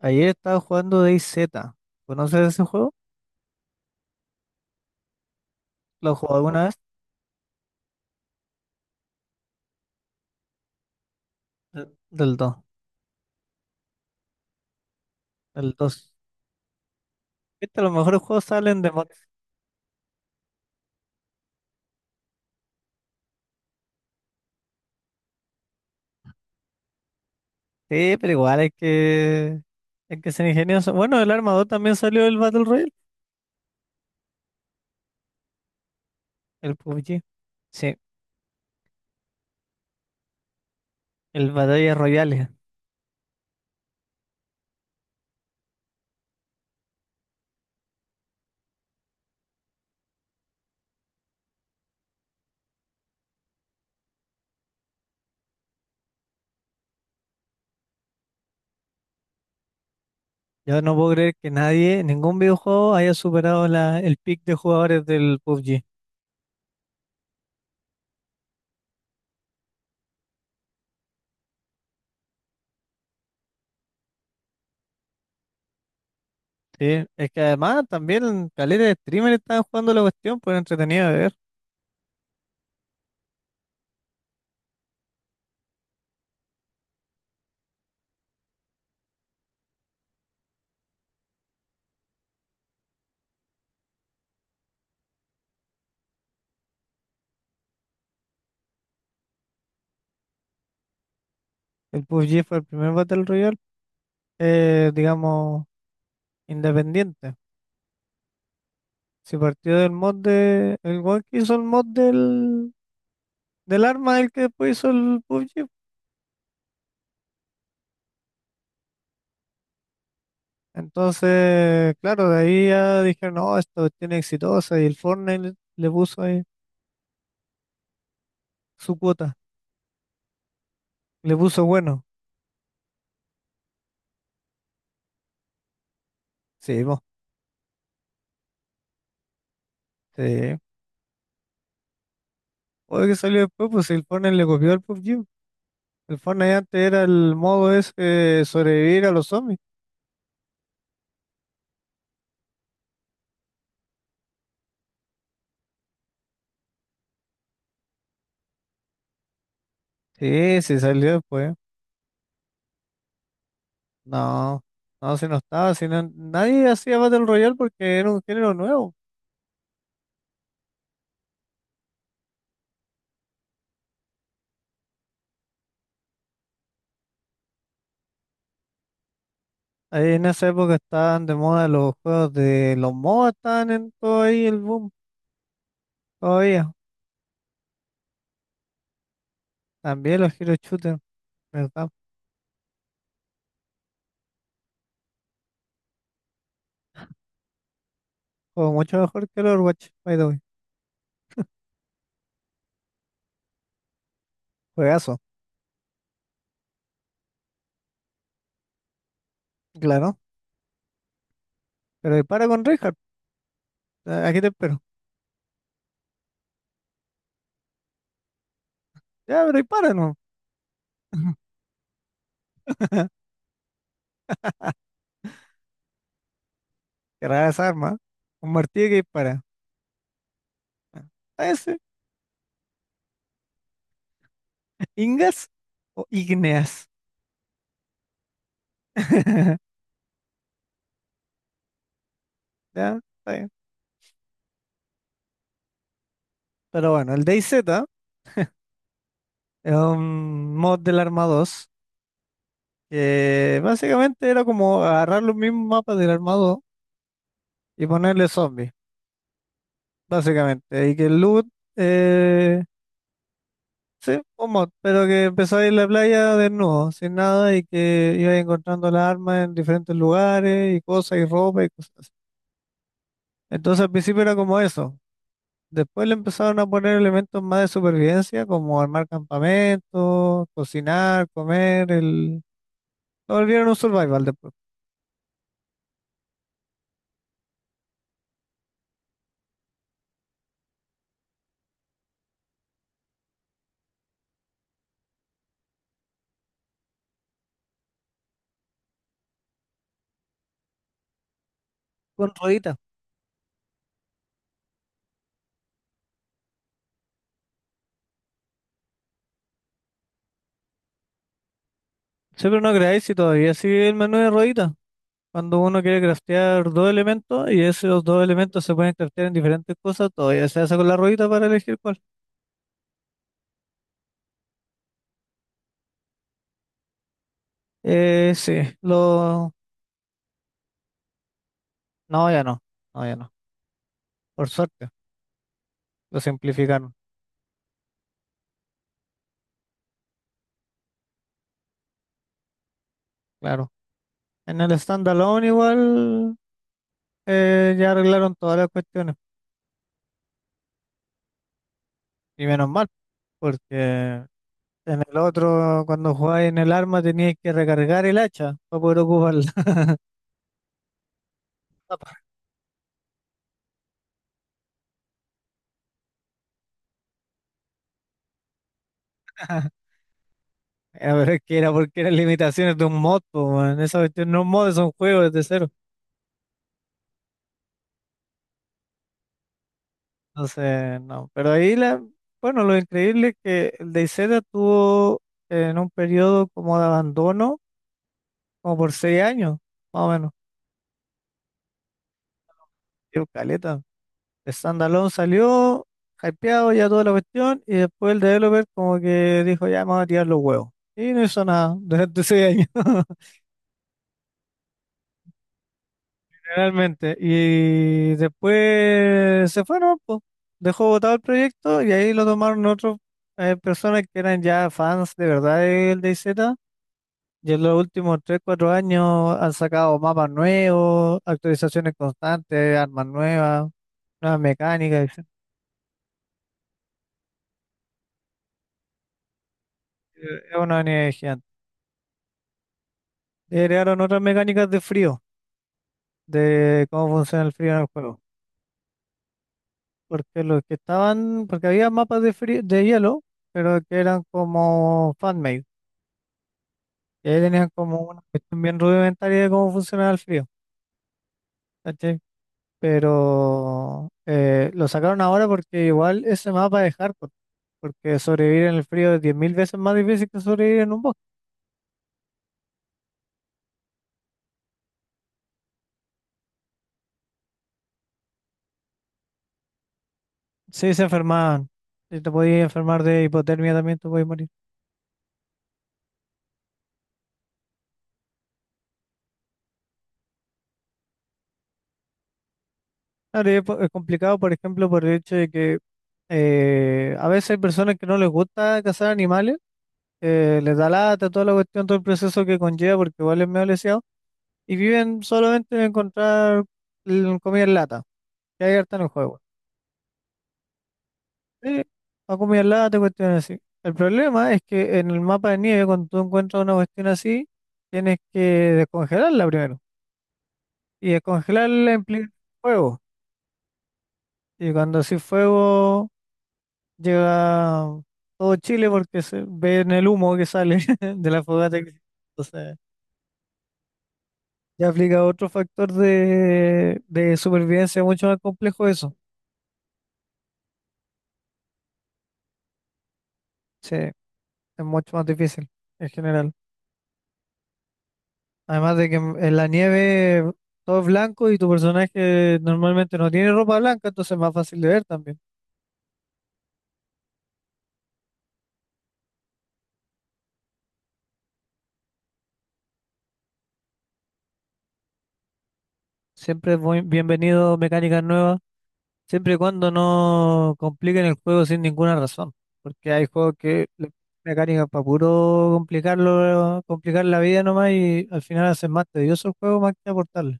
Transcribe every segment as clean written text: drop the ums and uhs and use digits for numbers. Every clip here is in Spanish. Ayer estaba jugando DayZ. ¿Conoces ese juego? ¿Lo jugó alguna vez? Del dos. El 2. Viste, los mejores juegos salen de mods. Sí, pero igual hay que ser ingenioso. Bueno, el Arma 2 también salió el Battle Royale. El PUBG. Sí, el Battle Royale. Yo no puedo creer que nadie, ningún videojuego haya superado el pick de jugadores del PUBG. Sí, es que además también caleta de streamers estaban jugando la cuestión, pues era entretenido de ver. El PUBG fue el primer Battle Royale, digamos independiente. Si partió del mod de... El weón que hizo el mod del arma, el que después hizo el PUBG. Entonces, claro, de ahí ya dijeron, no, esta cuestión es exitosa. Y el Fortnite le puso ahí su cuota. Le puso bueno. Sí, vos. Sí. Oye, que salió después, pues el Fortnite le copió al PUBG. El Fortnite antes era el modo ese de sobrevivir a los zombies. Sí, sí, salió después. No, no, si no estaba, si no, nadie hacía Battle Royale porque era un género nuevo. Ahí en esa época estaban de moda los juegos de los MOBA, estaban en todo ahí el boom, todavía. También los Hero Shooter, ¿verdad? Juego mucho mejor que el Overwatch, by the way. Juegazo, claro. Pero dispara con Reinhardt, aquí te espero. Ya, pero dispara, ¿no? Qué rara esa arma, ¿eh? Un martillo que dispara. Ah, ese, ingas o igneas. Ya, está bien. Pero bueno, el DayZ es un mod del Arma 2. Básicamente era como agarrar los mismos mapas del armado y ponerle zombies, básicamente. Y que el loot, eh, sí, un mod, pero que empezó a ir a la playa desnudo, sin nada, y que iba encontrando las armas en diferentes lugares y cosas y ropa y cosas así. Entonces al principio era como eso. Después le empezaron a poner elementos más de supervivencia, como armar campamentos, cocinar, comer, el... Lo volvieron un survival después. Con rueditas. Sí, pero no creáis si todavía sigue el menú de rueditas. Cuando uno quiere craftear dos elementos y esos dos elementos se pueden craftear en diferentes cosas, todavía se hace con la ruedita para elegir cuál. Sí, lo... No, ya no, no, ya no. Por suerte, lo simplificaron, claro. En el standalone igual ya arreglaron todas las cuestiones, y menos mal, porque en el otro, cuando jugáis en el arma, teníais que recargar el hacha para poder ocuparla. Ah, pero es que era porque eran limitaciones de un mod, po, weón. Esa cuestión no es un mod, es un juego desde cero. Entonces, no. Pero ahí, bueno, lo increíble es que el DayZ tuvo en un periodo como de abandono, como por 6 años, más o menos. Dio caleta. Standalone salió, hypeado ya toda la cuestión, y después el developer como que dijo, ya vamos a tirar los huevos. Y no hizo nada durante 6 años, realmente. Y después se fueron, pues. Dejó botado el proyecto y ahí lo tomaron otros, personas que eran ya fans de verdad del DayZ. Y en los últimos tres cuatro años han sacado mapas nuevos, actualizaciones constantes, armas nuevas, nuevas mecánicas, etc. Es una unidad gigante. Y agregaron otras mecánicas de frío, de cómo funciona el frío en el juego. Porque los que estaban, porque había mapas de frío, de hielo, pero que eran como fan-made. Y ahí tenían como una cuestión bien rudimentaria de cómo funcionaba el frío. ¿Cachai? Pero lo sacaron ahora porque igual ese mapa es hardcore, porque sobrevivir en el frío es 10.000 veces más difícil que sobrevivir en un bosque. Sí, se enfermaban. Si te podías enfermar de hipotermia también te podías morir. Claro, y es complicado, por ejemplo, por el hecho de que a veces hay personas que no les gusta cazar animales, les da lata, toda la cuestión, todo el proceso que conlleva, porque igual es medio leseado, y viven solamente de encontrar, comida en lata, que hay harta en el juego. Sí, ha comido lata, cuestiones así. El problema es que en el mapa de nieve, cuando tú encuentras una cuestión así, tienes que descongelarla primero. Y descongelarla implica fuego. Y cuando así fuego, llega todo Chile porque se ve en el humo que sale de la fogata. Entonces, ya aplica otro factor de supervivencia mucho más complejo eso. Sí, es mucho más difícil en general. Además de que en la nieve todo es blanco y tu personaje normalmente no tiene ropa blanca, entonces es más fácil de ver también. Siempre es bienvenido mecánicas nuevas, siempre y cuando no compliquen el juego sin ninguna razón. Porque hay juegos que le ponen mecánicas para puro complicarlo, complicar la vida nomás y al final hacen más tedioso el juego más que aportarle.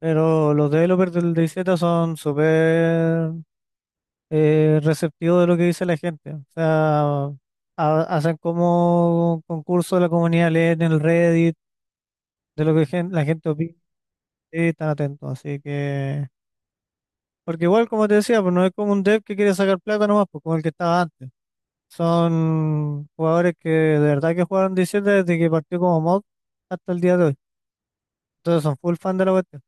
Pero los developers del DayZ son súper, receptivo de lo que dice la gente. O sea, hacen como concurso de la comunidad, leen en el Reddit, de lo que la gente opina, y están atentos. Así que, porque igual, como te decía, pues no es como un dev que quiere sacar plata nomás, pues como el que estaba antes. Son jugadores que de verdad que jugaron 17 desde que partió como mod hasta el día de hoy. Entonces son full fan de la cuestión.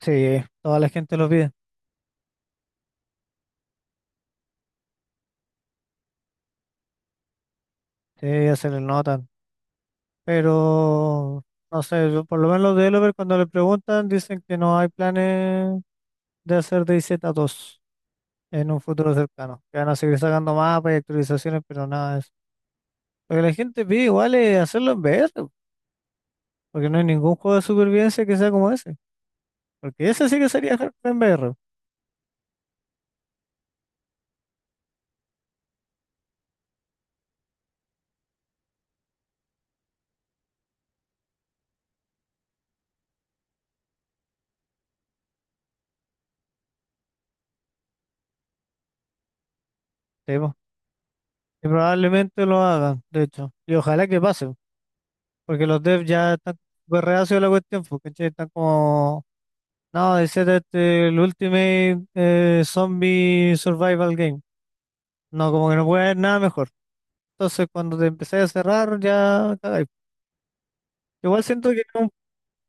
Sí, toda la gente lo pide. Sí, se les nota. Pero, no sé, por lo menos los developers cuando le preguntan dicen que no hay planes de hacer DayZ 2 en un futuro cercano. Que van a seguir sacando mapas y actualizaciones, pero nada de eso. Lo que la gente pide igual es hacerlo en VR, po, porque no hay ningún juego de supervivencia que sea como ese. Porque ese sí que sería hardcore en VR. Sí, po. Y probablemente lo hagan, de hecho. Y ojalá que pase, porque los devs ya están súper reacios a la cuestión, porque están como: No, ese es este, el Ultimate, Zombie Survival Game. No, como que no puede haber nada mejor. Entonces, cuando te empecé a cerrar, ya cagáis. Igual siento que no,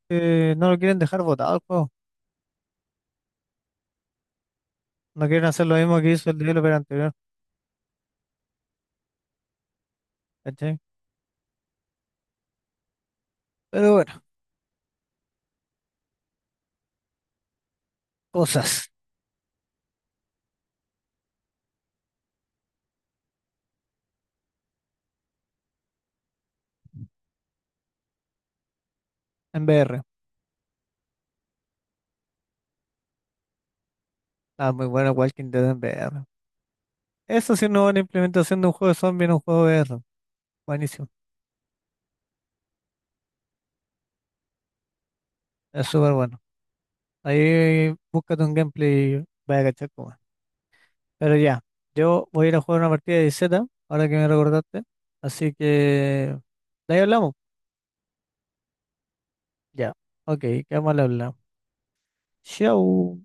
no lo quieren dejar botado el juego. No quieren hacer lo mismo que hizo el developer anterior. ¿Cachai? Pero bueno, cosas en VR. Ah, muy bueno Walking Dead en VR. Eso sí, no una buena implementación de un juego de zombie en un juego de VR. Buenísimo. Es súper bueno. Ahí búscate un gameplay y vaya a cachar cómo es. Pero ya, yo voy a ir a jugar una partida de Z, ahora que me recordaste. Así que, de ahí hablamos. Ya, ok, quedamos al habla. Chau.